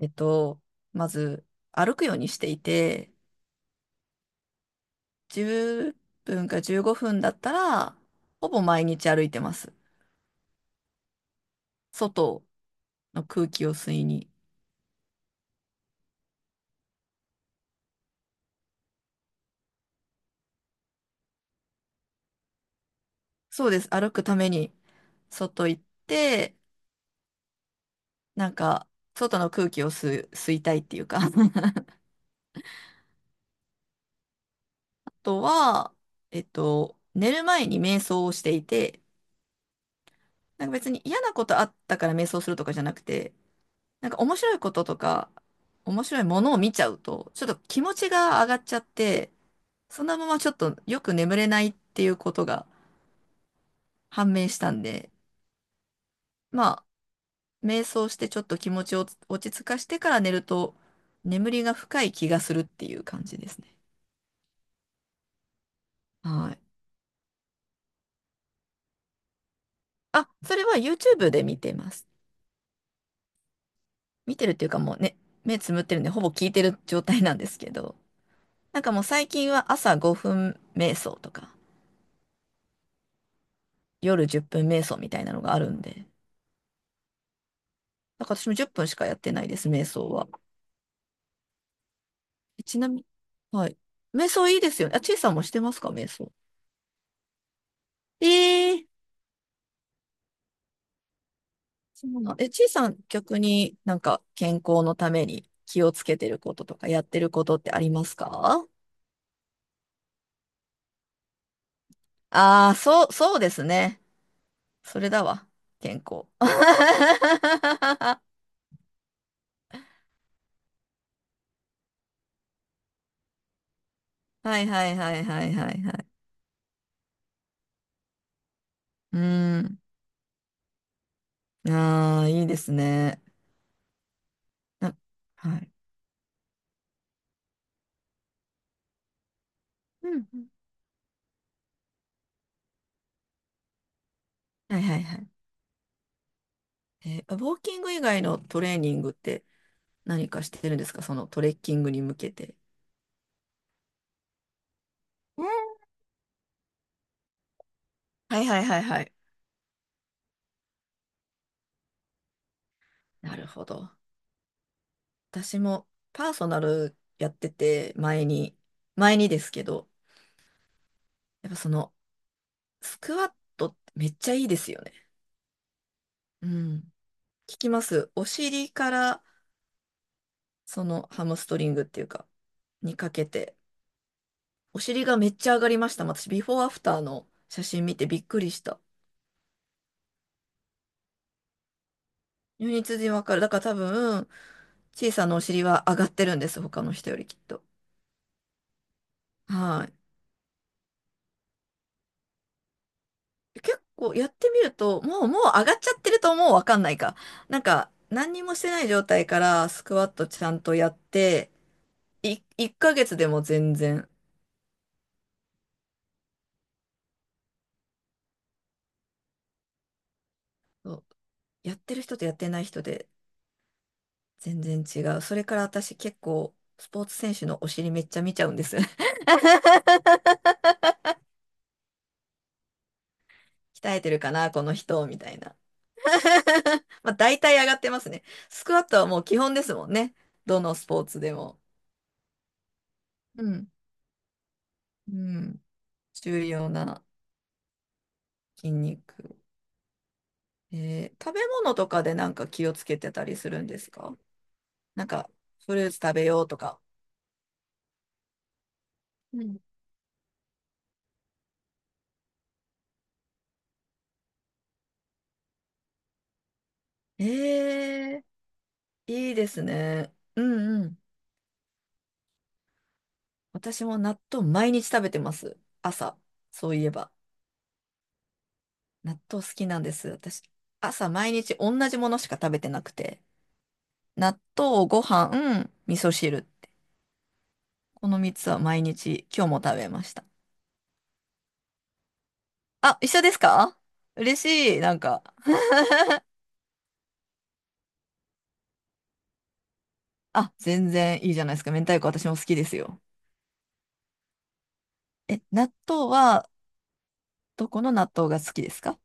えっと、まず歩くようにしていて、10分か15分だったら、ほぼ毎日歩いてます。外の空気を吸いに。そうです。歩くために外行って、なんか、外の空気を吸う、吸いたいっていうか。あとは、寝る前に瞑想をしていて、なんか別に嫌なことあったから瞑想するとかじゃなくて、なんか面白いこととか、面白いものを見ちゃうと、ちょっと気持ちが上がっちゃって、そのままちょっとよく眠れないっていうことが判明したんで、まあ、瞑想してちょっと気持ちを落ち着かしてから寝ると、眠りが深い気がするっていう感じですね。はい。あ、それは YouTube で見てます。見てるっていうかもうね、目つむってるんで、ほぼ聞いてる状態なんですけど、なんかもう最近は朝5分瞑想とか、夜10分瞑想みたいなのがあるんで、なんか私も10分しかやってないです、瞑想は。えちなみに、はい。瞑想いいですよね。あ、ちいさんもしてますか、瞑想。ええそうなの。え、ちいさん、逆になんか健康のために気をつけてることとかやってることってありますか？ああー、そう、そうですね。それだわ。健康。はいはいはいはいはいはい。うん。ああ、いいですね。なはい。うんうん。はいはいはい。えーウォーキング以外のトレーニングって何かしてるんですか、そのトレッキングに向けて。うんはいはいはいはい。なるほど。私もパーソナルやってて、前に、前にですけど、やっぱその、スクワットってめっちゃいいですよね。うん。聞きます。お尻から、その、ハムストリングっていうか、にかけて、お尻がめっちゃ上がりました。私、ビフォーアフターの写真見てびっくりした。如実にわかる。だから多分、小さなお尻は上がってるんです。他の人よりきっと。はい。結構やってみると、もう、もう上がっちゃってるともうわかんないか。なんか、何にもしてない状態からスクワットちゃんとやって、い、1ヶ月でも全然、そうやってる人とやってない人で全然違う。それから私結構、スポーツ選手のお尻めっちゃ見ちゃうんです。鍛えてるかな、この人、みたいな。まあ、大体上がってますね。スクワットはもう基本ですもんね。どのスポーツでも。うん。うん。重要な筋肉。えー食べ物とかでなんか気をつけてたりするんですか？なんか、フルーツ食べようとか。うん。えー、いいですね。うんうん。私も納豆毎日食べてます。朝。そういえば。納豆好きなんです。私、朝毎日同じものしか食べてなくて。納豆、ご飯、味噌汁。この3つは毎日、今日も食べました。あ、一緒ですか？嬉しい。なんか あ、全然いいじゃないですか。明太子私も好きですよ。え、納豆は、どこの納豆が好きですか？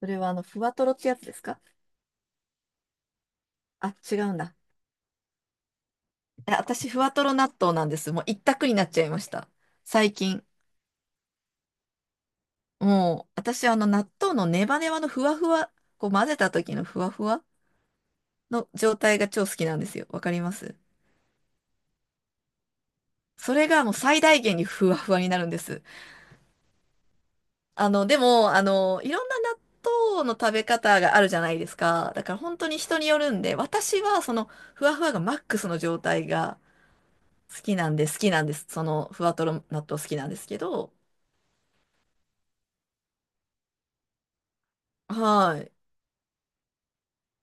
それはあの、ふわとろってやつですか？あ、違うんだ。え、私、ふわとろ納豆なんです。もう一択になっちゃいました。最近。もう、私、あの、納豆のネバネバのふわふわ、こう混ぜた時のふわふわの状態が超好きなんですよ。わかりますそれがもう最大限にふわふわになるんです。あの、でも、あの、いろんな納豆の食べ方があるじゃないですか。だから本当に人によるんで、私はそのふわふわがマックスの状態が好きなんで、好きなんです。その、ふわとろ納豆好きなんですけど、は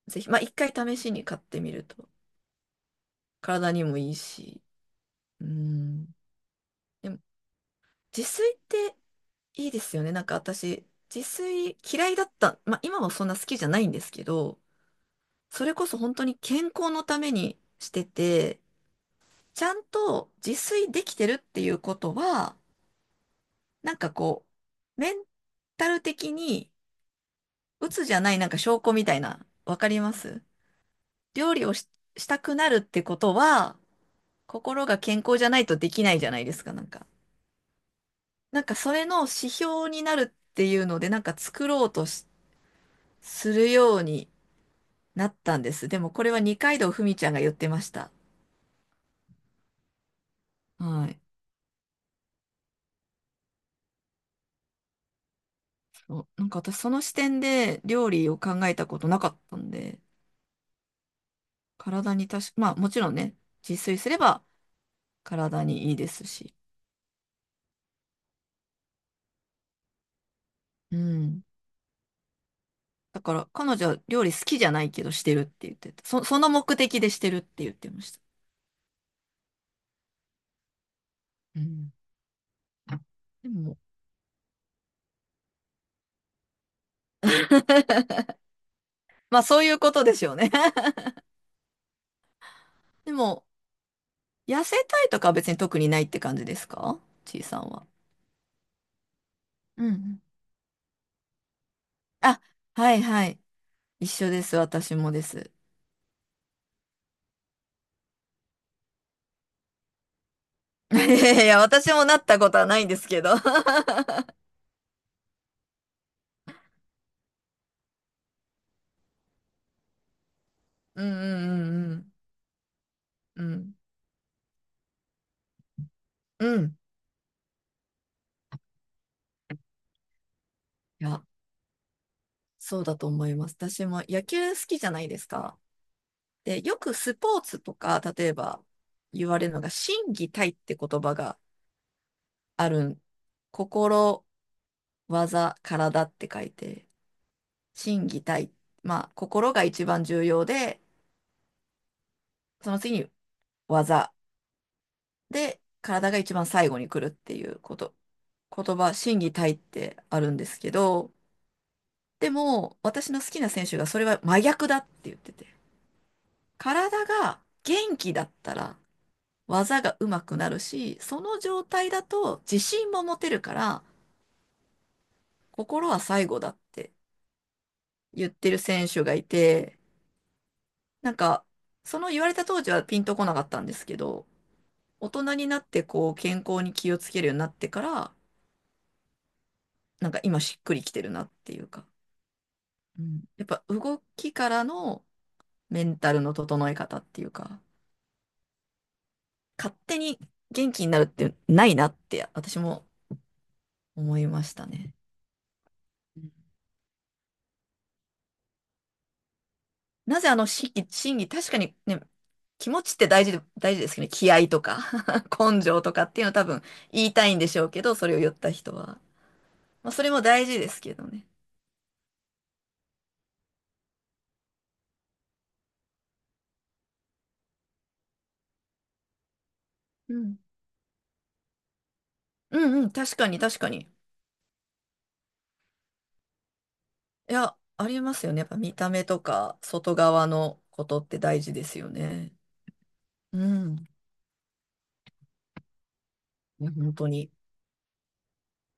い。ぜひ、まあ、一回試しに買ってみると、体にもいいし、うん。でも、自炊っていいですよね。なんか私、自炊嫌いだった。まあ、今もそんな好きじゃないんですけど、それこそ本当に健康のためにしてて、ちゃんと自炊できてるっていうことは、なんかこう、メンタル的に、鬱じゃないなんか証拠みたいな、わかります料理をし、したくなるってことは、心が健康じゃないとできないじゃないですか、なんか。なんかそれの指標になるっていうので、なんか作ろうとしするようになったんです。でもこれは二階堂ふみちゃんが言ってました。はい。そうなんか私その視点で料理を考えたことなかったんで、体にたしまあもちろんね、自炊すれば体にいいですし。うん。だから彼女は料理好きじゃないけどしてるって言ってた。そ、その目的でしてるって言ってました。うん。でも、まあそういうことでしょうね でも、痩せたいとかは別に特にないって感じですか、ちいさんは。うんうん。あ、はいはい。一緒です。私もです。いやいやいや、私もなったことはないんですけど うんうんうんうん。うん。うん。いや、そうだと思います。私も野球好きじゃないですか。で、よくスポーツとか、例えば言われるのが、心技体って言葉があるん。心技、体って書いて、心技体。まあ、心が一番重要で、その次に技。で、体が一番最後に来るっていうこと。言葉、心技体ってあるんですけど、でも、私の好きな選手がそれは真逆だって言ってて。体が元気だったら、技が上手くなるし、その状態だと自信も持てるから、心は最後だって言ってる選手がいて、なんか、その言われた当時はピンとこなかったんですけど、大人になってこう健康に気をつけるようになってから、なんか今しっくりきてるなっていうか、うん、やっぱ動きからのメンタルの整え方っていうか、勝手に元気になるってないなって私も思いましたね。うんなぜあの心技、心技、確かにね、気持ちって大事で、大事ですけどね、気合とか 根性とかっていうのは多分言いたいんでしょうけど、それを言った人は。まあそれも大事ですけどね。うん。うんうん、確かに確かに。いや、ありますよね。やっぱ見た目とか、外側のことって大事ですよね。うん。いや本当に。